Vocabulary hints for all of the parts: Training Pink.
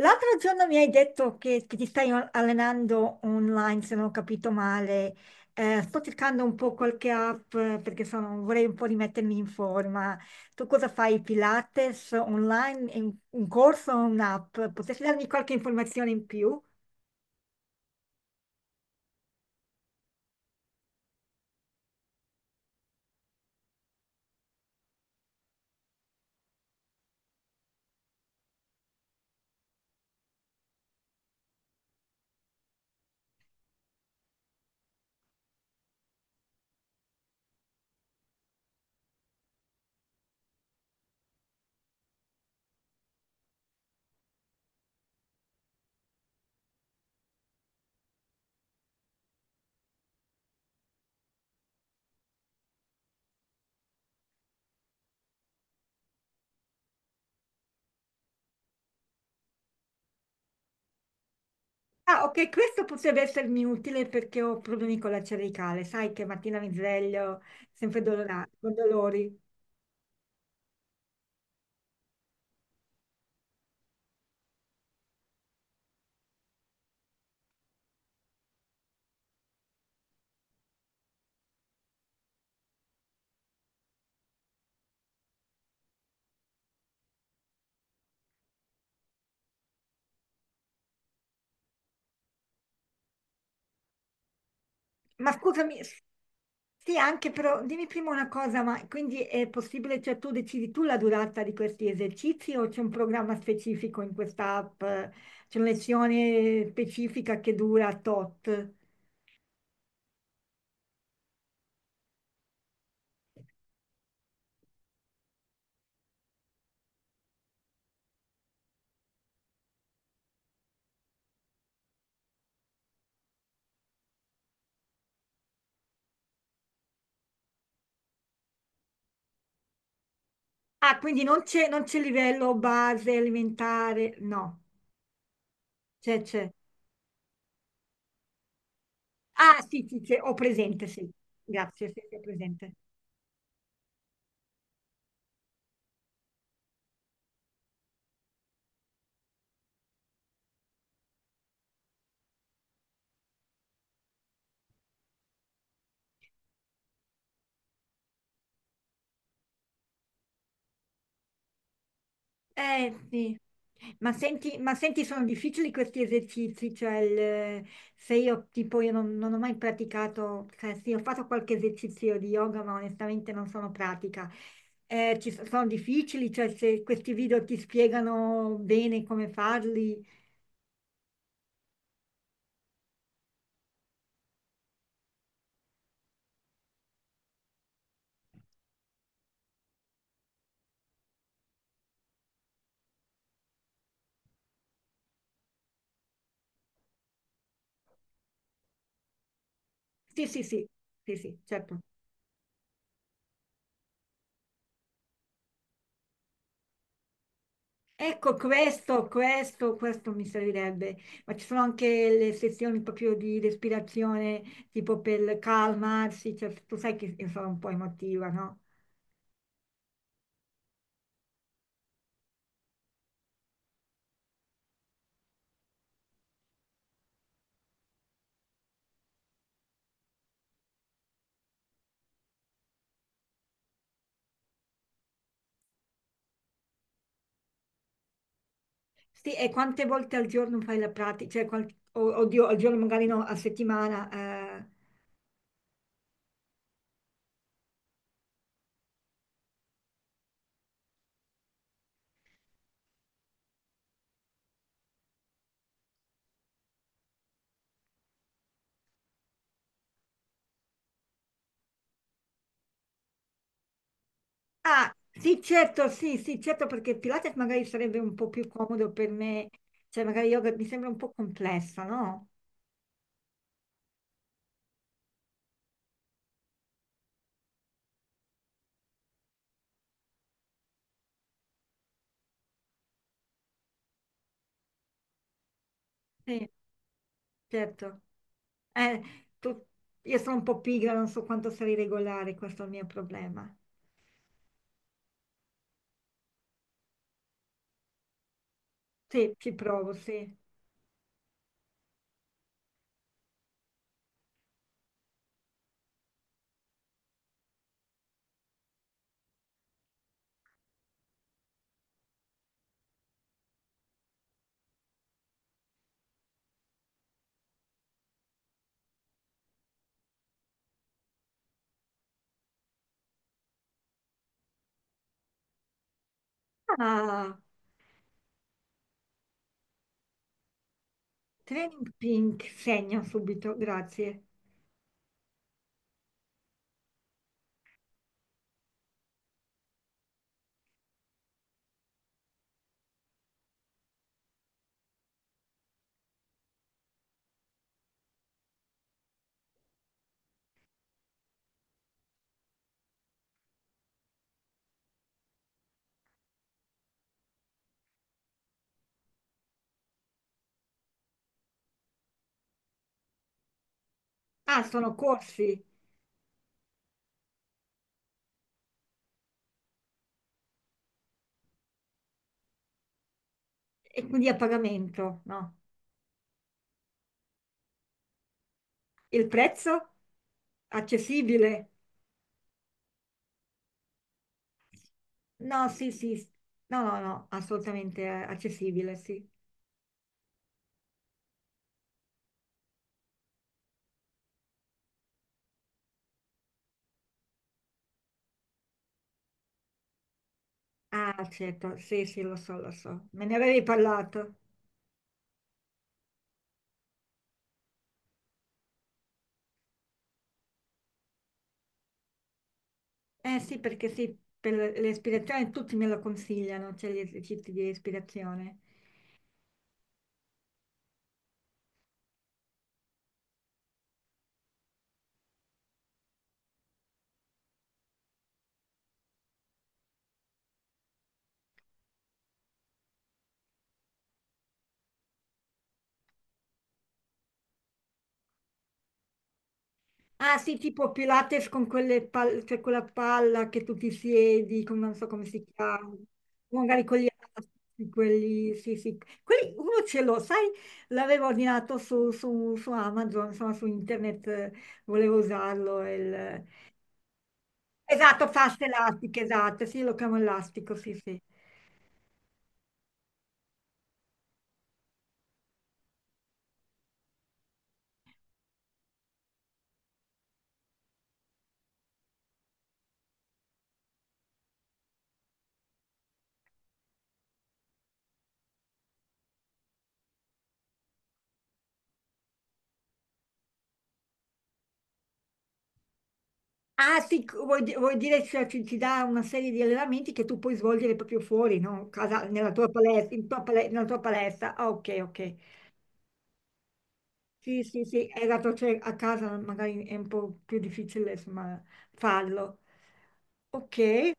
L'altro giorno mi hai detto che ti stai allenando online, se non ho capito male. Sto cercando un po' qualche app, perché vorrei un po' rimettermi in forma. Tu cosa fai? Pilates online? È un corso o un'app? Potresti darmi qualche informazione in più? Ah, ok, questo potrebbe essermi utile perché ho problemi con la cervicale. Sai che mattina mi sveglio sempre dolorata, con dolori. Ma scusami, sì, anche però dimmi prima una cosa, ma quindi è possibile, cioè tu decidi tu la durata di questi esercizi o c'è un programma specifico in questa app? C'è una lezione specifica che dura tot? Ah, quindi non c'è livello base alimentare, no, c'è, c'è. Ah, sì, sì, c'è, ho presente, sì, grazie, sì, sì, ho presente. Eh sì, ma senti, sono difficili questi esercizi, cioè se io tipo io non, non ho mai praticato, cioè sì, ho fatto qualche esercizio di yoga, ma onestamente non sono pratica. Sono difficili, cioè se questi video ti spiegano bene come farli. Sì, sì, sì, sì, sì, certo. Ecco, questo mi servirebbe, ma ci sono anche le sessioni proprio di respirazione, tipo per calmarsi, cioè, tu sai che io sono un po' emotiva, no? Sì, e quante volte al giorno fai la pratica? Oddio, al giorno magari no, a settimana. Ah, sì, certo, sì, sì, certo, perché Pilates magari sarebbe un po' più comodo per me, cioè magari yoga mi sembra un po' complessa, no? Sì, certo. Eh, tu- io sono un po' pigra, non so quanto sarei regolare, questo è il mio problema. Sì, ci provo, sì. Ah, Training Pink, segno subito, grazie. Ah, sono corsi e quindi a pagamento, no? Il prezzo? Accessibile? No, sì, sì, no, no, no, assolutamente accessibile, sì. Ah, certo, sì, sì, lo so, lo so. Me ne avevi parlato. Eh sì, perché sì, per l'ispirazione tutti me lo consigliano, cioè gli esercizi di respirazione. Ah sì, tipo Pilates con quelle cioè quella palla che tu ti siedi, non so come si chiama, o magari con gli altri, quelli, sì sì. Quelli, uno ce l'ho, sai, l'avevo ordinato su Amazon, insomma su internet, volevo usarlo. Esatto, fasce elastiche, esatto, sì, lo chiamo elastico, sì sì. Ah, sì, vuoi dire che ci dà una serie di allenamenti che tu puoi svolgere proprio fuori, no? Nella tua palestra. Ah, ok, ok. Sì, sì, sì, è dato cioè, a casa magari è un po' più difficile, insomma, farlo. Ok.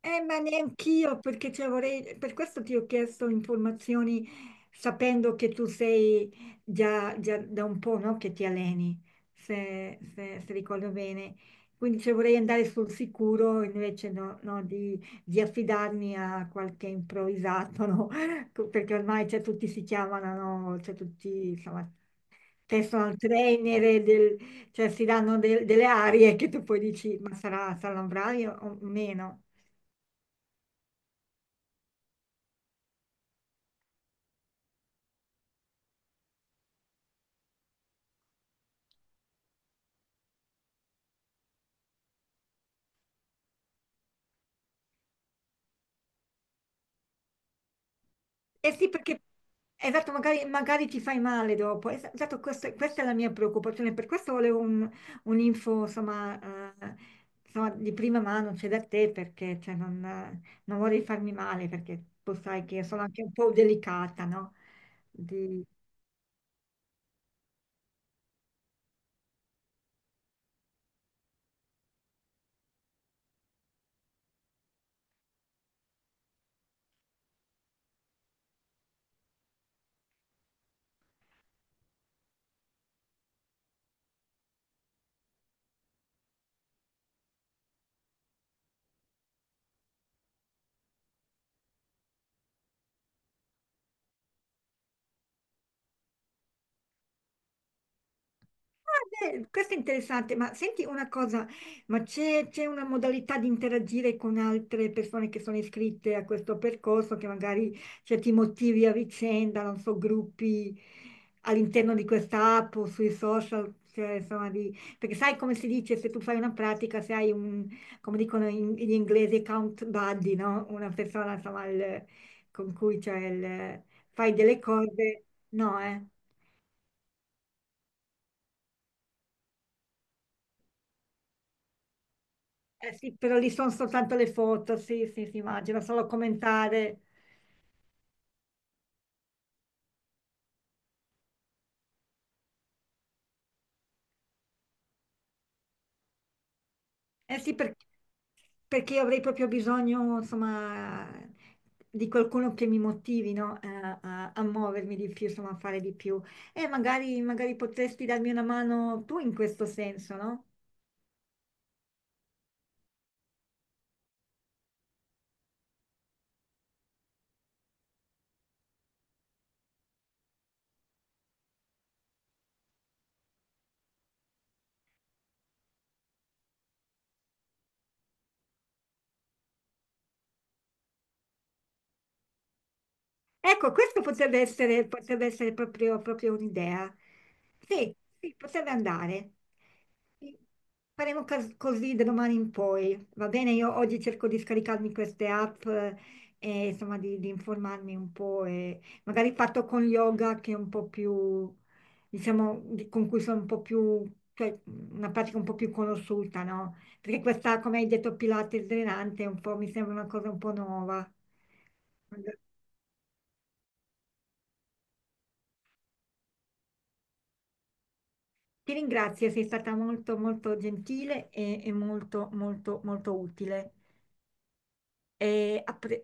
Ma neanch'io, perché cioè, vorrei, per questo ti ho chiesto informazioni sapendo che tu sei già da un po', no, che ti alleni, se ricordo bene. Quindi cioè, vorrei andare sul sicuro invece no, di affidarmi a qualche improvvisato, no? Perché ormai cioè, tutti si chiamano, no? Cioè, tutti insomma, personal trainer, e cioè, si danno delle arie che tu poi dici, ma sarà un bravo o meno? Eh sì, perché esatto, magari ti fai male dopo. Esatto, questa è la mia preoccupazione, per questo volevo un, un'info, insomma, eh, insomma, di prima mano, cioè da te, perché cioè, non, non vorrei farmi male, perché tu sai che sono anche un po' delicata, no? Ah, beh, questo è interessante, ma senti una cosa, ma c'è una modalità di interagire con altre persone che sono iscritte a questo percorso, che magari cioè, ti motivi a vicenda, non so, gruppi all'interno di questa app o sui social, cioè, insomma, perché sai come si dice, se tu fai una pratica, se hai un, come dicono gli inglesi, count buddy, no? Una persona, insomma, con cui cioè, fai delle cose, no, eh? Eh sì, però lì sono soltanto le foto, sì, sì, sì, immagino, solo commentare. Eh sì, perché, perché avrei proprio bisogno, insomma, di qualcuno che mi motivi, no, a muovermi di più, insomma, a fare di più. E magari potresti darmi una mano tu in questo senso, no? Ecco, potrebbe essere proprio, proprio un'idea. Sì, sì, potrebbe andare. Sì, faremo così da domani in poi. Va bene, io oggi cerco di scaricarmi queste app e insomma di informarmi un po' e magari fatto con yoga che è un po' più, diciamo, con cui sono un po' più, cioè una pratica un po' più conosciuta, no? Perché questa, come hai detto, Pilates drenante è un po', mi sembra una cosa un po' nuova. Ti ringrazio, sei stata molto molto gentile e molto molto molto utile. E